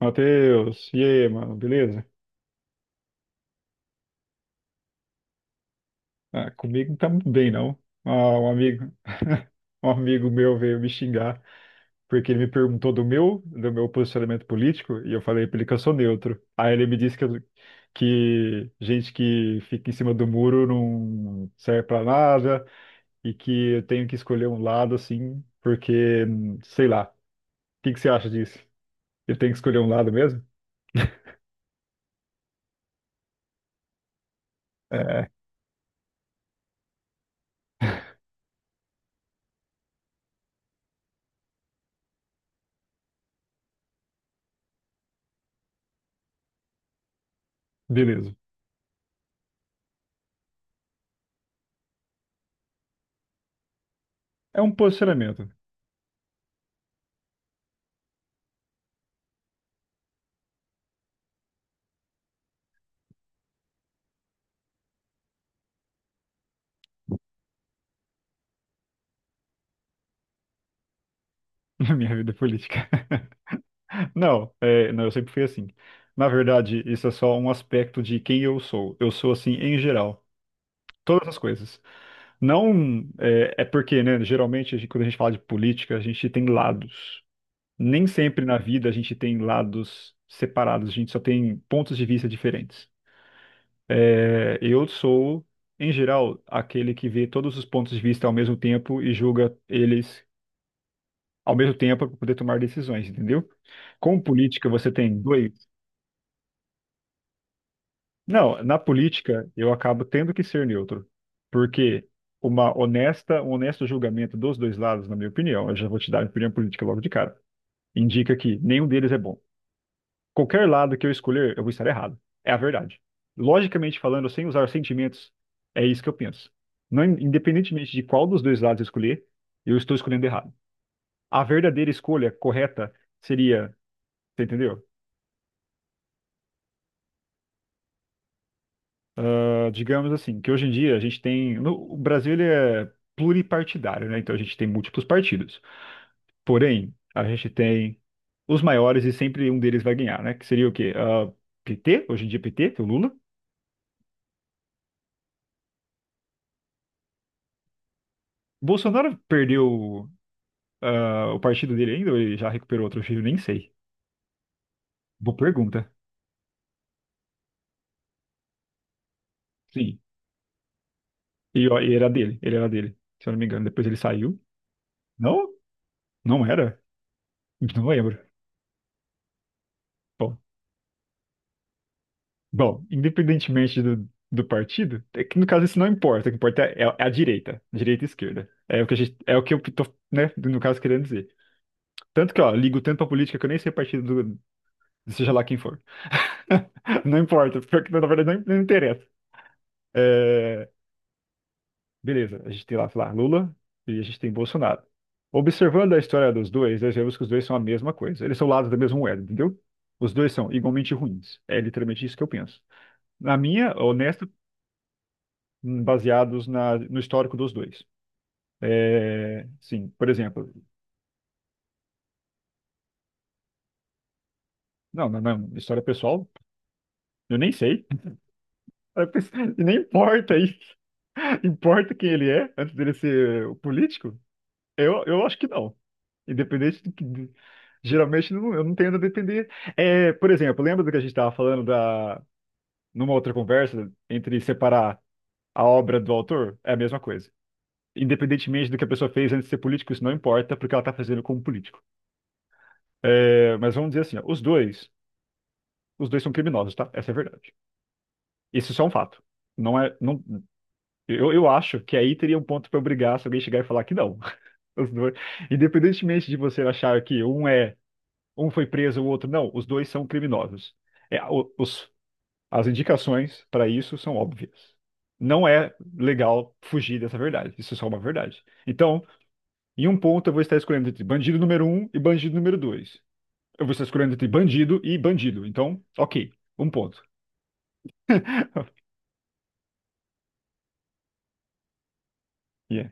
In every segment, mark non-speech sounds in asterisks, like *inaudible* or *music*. Matheus, e aí, mano, beleza? Ah, comigo não tá muito bem, não. Ah, um amigo, *laughs* um amigo meu veio me xingar porque ele me perguntou do meu posicionamento político e eu falei pra ele que eu sou neutro. Aí ele me disse que gente que fica em cima do muro não serve pra nada e que eu tenho que escolher um lado, assim, porque, sei lá. O que que você acha disso? Eu tenho que escolher um lado mesmo? É, beleza. É um posicionamento *laughs* na minha vida política. Não, é, não, eu sempre fui assim. Na verdade, isso é só um aspecto de quem eu sou. Eu sou assim em geral. Todas as coisas. Não é, é porque, né? Geralmente, quando a gente fala de política, a gente tem lados. Nem sempre na vida a gente tem lados separados, a gente só tem pontos de vista diferentes. É, eu sou, em geral, aquele que vê todos os pontos de vista ao mesmo tempo e julga eles ao mesmo tempo para poder tomar decisões, entendeu? Com política, você tem dois. Não, na política eu acabo tendo que ser neutro, porque um honesto julgamento dos dois lados, na minha opinião, eu já vou te dar a opinião política logo de cara, indica que nenhum deles é bom. Qualquer lado que eu escolher, eu vou estar errado. É a verdade. Logicamente falando, sem usar sentimentos, é isso que eu penso. Não, independentemente de qual dos dois lados eu escolher, eu estou escolhendo errado. A verdadeira escolha correta seria, você entendeu? Ah, digamos assim, que hoje em dia a gente tem. No, o Brasil ele é pluripartidário, né? Então a gente tem múltiplos partidos. Porém, a gente tem os maiores e sempre um deles vai ganhar, né? Que seria o quê? Ah, PT, hoje em dia PT, que é o Lula. Bolsonaro perdeu o partido dele ainda, ou ele já recuperou outro filho, nem sei. Boa pergunta. Sim. E, ó, e era dele, ele era dele, se eu não me engano. Depois ele saiu. Não? Não era? Não lembro. Bom. Bom, independentemente do partido, é que no caso isso não importa, o que importa é a direita, direita e esquerda. É o que a gente, é o que eu tô, né, no caso, querendo dizer. Tanto que, ó, ligo tanto pra política que eu nem sei partido do, seja lá quem for. *laughs* Não importa, porque na verdade não interessa. É, beleza, a gente tem lá, sei lá, Lula e a gente tem Bolsonaro. Observando a história dos dois, nós vemos que os dois são a mesma coisa. Eles são lados da mesma moeda, entendeu? Os dois são igualmente ruins. É literalmente isso que eu penso. Na minha honesta baseados no histórico dos dois. É, sim, por exemplo, não, não, não, história pessoal, eu nem sei, *laughs* Eu pens- e nem importa aí, *laughs* importa quem ele é antes dele ser o político? Eu acho que não, independente do que. Geralmente eu não tendo a depender. É, por exemplo, lembra do que a gente estava falando da, numa outra conversa entre separar a obra do autor? É a mesma coisa. Independentemente do que a pessoa fez antes de ser político, isso não importa, porque ela está fazendo como político. É, mas vamos dizer assim, ó, os dois são criminosos, tá? Essa é a verdade. Isso só é um fato. Não é, não, eu acho que aí teria um ponto pra eu brigar se alguém chegar e falar que não. *laughs* Os dois, independentemente de você achar que um é, um foi preso, o outro não, os dois são criminosos. É, o- os, as indicações para isso são óbvias. Não é legal fugir dessa verdade. Isso é só uma verdade. Então, em um ponto eu vou estar escolhendo entre bandido número um e bandido número dois. Eu vou estar escolhendo entre bandido e bandido. Então, ok, um ponto. *laughs* Yeah.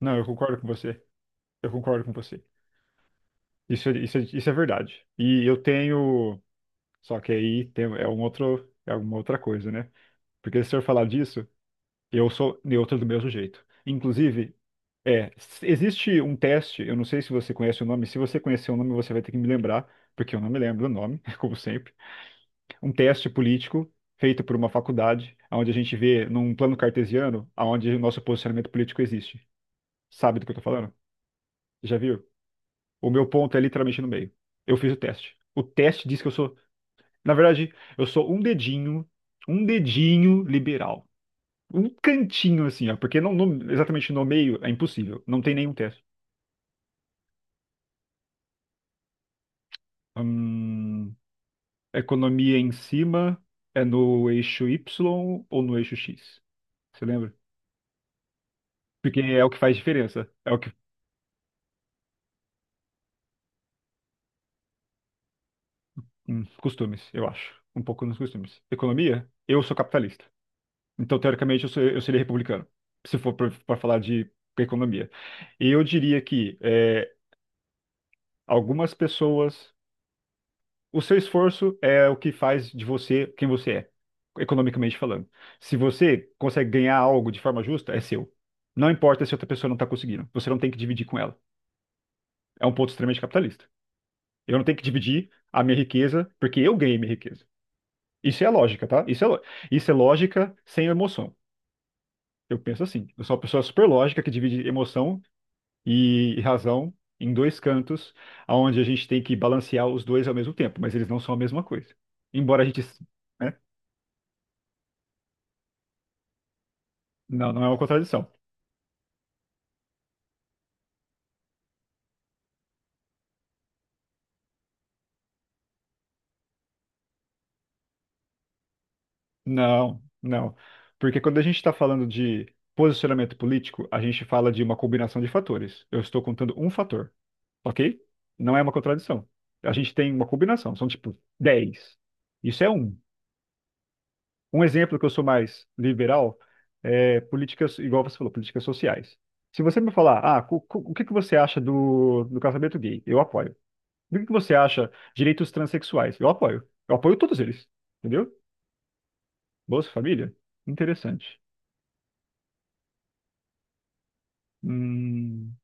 Não, eu concordo com você. Eu concordo com você. Isso, é- isso, é- isso é verdade. E eu tenho. Só que aí tem, é um outro, é uma outra coisa, né? Porque se eu falar disso, eu sou neutro do mesmo jeito. Inclusive, é, existe um teste, eu não sei se você conhece o nome. Se você conhecer o nome, você vai ter que me lembrar, porque eu não me lembro o nome, *laughs* como sempre. Um teste político feito por uma faculdade, onde a gente vê num plano cartesiano aonde o nosso posicionamento político existe. Sabe do que eu tô falando? Já viu? O meu ponto é literalmente no meio. Eu fiz o teste. O teste diz que eu sou, na verdade, eu sou um dedinho liberal. Um cantinho assim, ó, porque exatamente no meio é impossível, não tem nenhum teste. Hum, Economia em cima é no eixo Y ou no eixo X? Você lembra? Porque é o que faz diferença. É o que. Costumes, eu acho. Um pouco nos costumes. Economia, eu sou capitalista. Então, teoricamente, eu seria republicano, se for para falar de economia. E eu diria que é, algumas pessoas. O seu esforço é o que faz de você quem você é, economicamente falando. Se você consegue ganhar algo de forma justa, é seu. Não importa se outra pessoa não está conseguindo. Você não tem que dividir com ela. É um ponto extremamente capitalista. Eu não tenho que dividir a minha riqueza porque eu ganhei minha riqueza. Isso é a lógica, tá? Isso é lógica sem emoção. Eu penso assim. Eu sou uma pessoa super lógica que divide emoção e razão em dois cantos, onde a gente tem que balancear os dois ao mesmo tempo, mas eles não são a mesma coisa. Embora a gente, né? Não, não é uma contradição. Não, não. Porque quando a gente está falando de posicionamento político, a gente fala de uma combinação de fatores. Eu estou contando um fator, ok? Não é uma contradição. A gente tem uma combinação, são tipo 10. Isso é um. Um exemplo que eu sou mais liberal é políticas, igual você falou, políticas sociais. Se você me falar, ah, o que que você acha do, do casamento gay? Eu apoio. O que que você acha direitos transexuais? Eu apoio. Eu apoio todos eles. Entendeu? Bolsa Família? Interessante. Hum,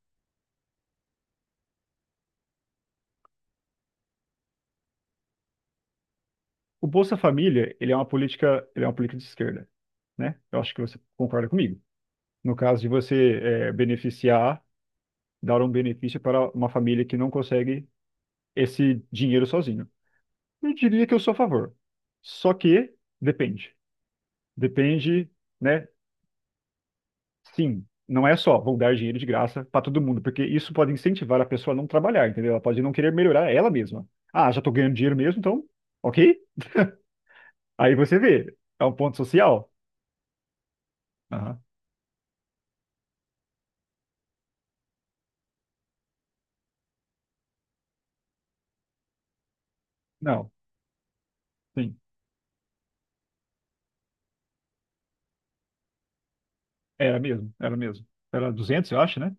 o Bolsa Família, ele é uma política de esquerda, né? Eu acho que você concorda comigo. No caso de você beneficiar, dar um benefício para uma família que não consegue esse dinheiro sozinho. Eu diria que eu sou a favor. Só que depende. Depende, né? Sim, não é só vou dar dinheiro de graça para todo mundo, porque isso pode incentivar a pessoa a não trabalhar, entendeu? Ela pode não querer melhorar ela mesma. Ah, já tô ganhando dinheiro mesmo, então, ok? Aí você vê, é um ponto social. Aham. Não, sim, era mesmo, era mesmo. Era 200, eu acho, né?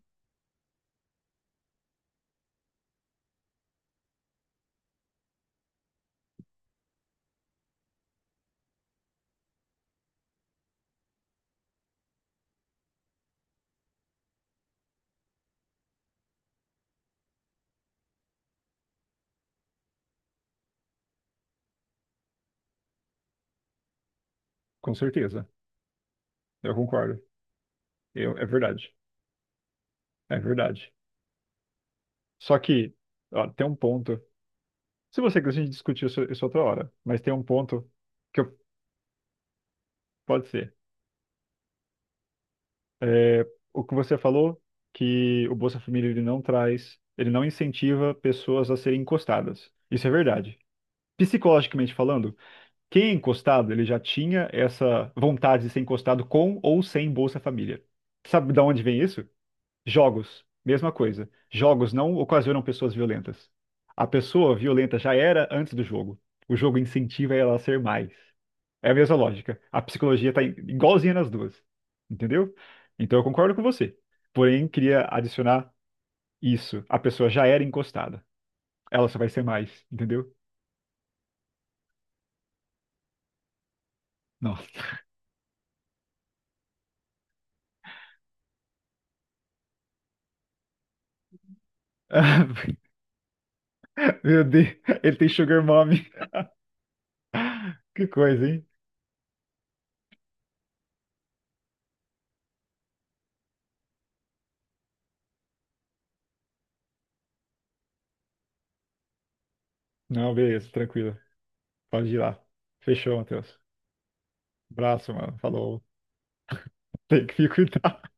Com certeza, eu concordo. Eu, é verdade, é verdade. Só que, ó, tem um ponto. Se você quiser, a gente discutir isso outra hora, mas tem um ponto. Que eu Pode ser. É, o que você falou, que o Bolsa Família ele não traz, ele não incentiva pessoas a serem encostadas. Isso é verdade. Psicologicamente falando, quem é encostado, ele já tinha essa vontade de ser encostado com ou sem Bolsa Família. Sabe de onde vem isso? Jogos. Mesma coisa. Jogos não ocasionam pessoas violentas. A pessoa violenta já era antes do jogo. O jogo incentiva ela a ser mais. É a mesma lógica. A psicologia tá igualzinha nas duas. Entendeu? Então eu concordo com você. Porém, queria adicionar isso. A pessoa já era encostada. Ela só vai ser mais, entendeu? Nossa. *laughs* Ah, meu Deus, ele tem sugar mommy. Que coisa, hein? Não, beleza, tranquilo. Pode ir lá. Fechou, Matheus. Abraço, mano. Falou. Tem que ficar cuidado.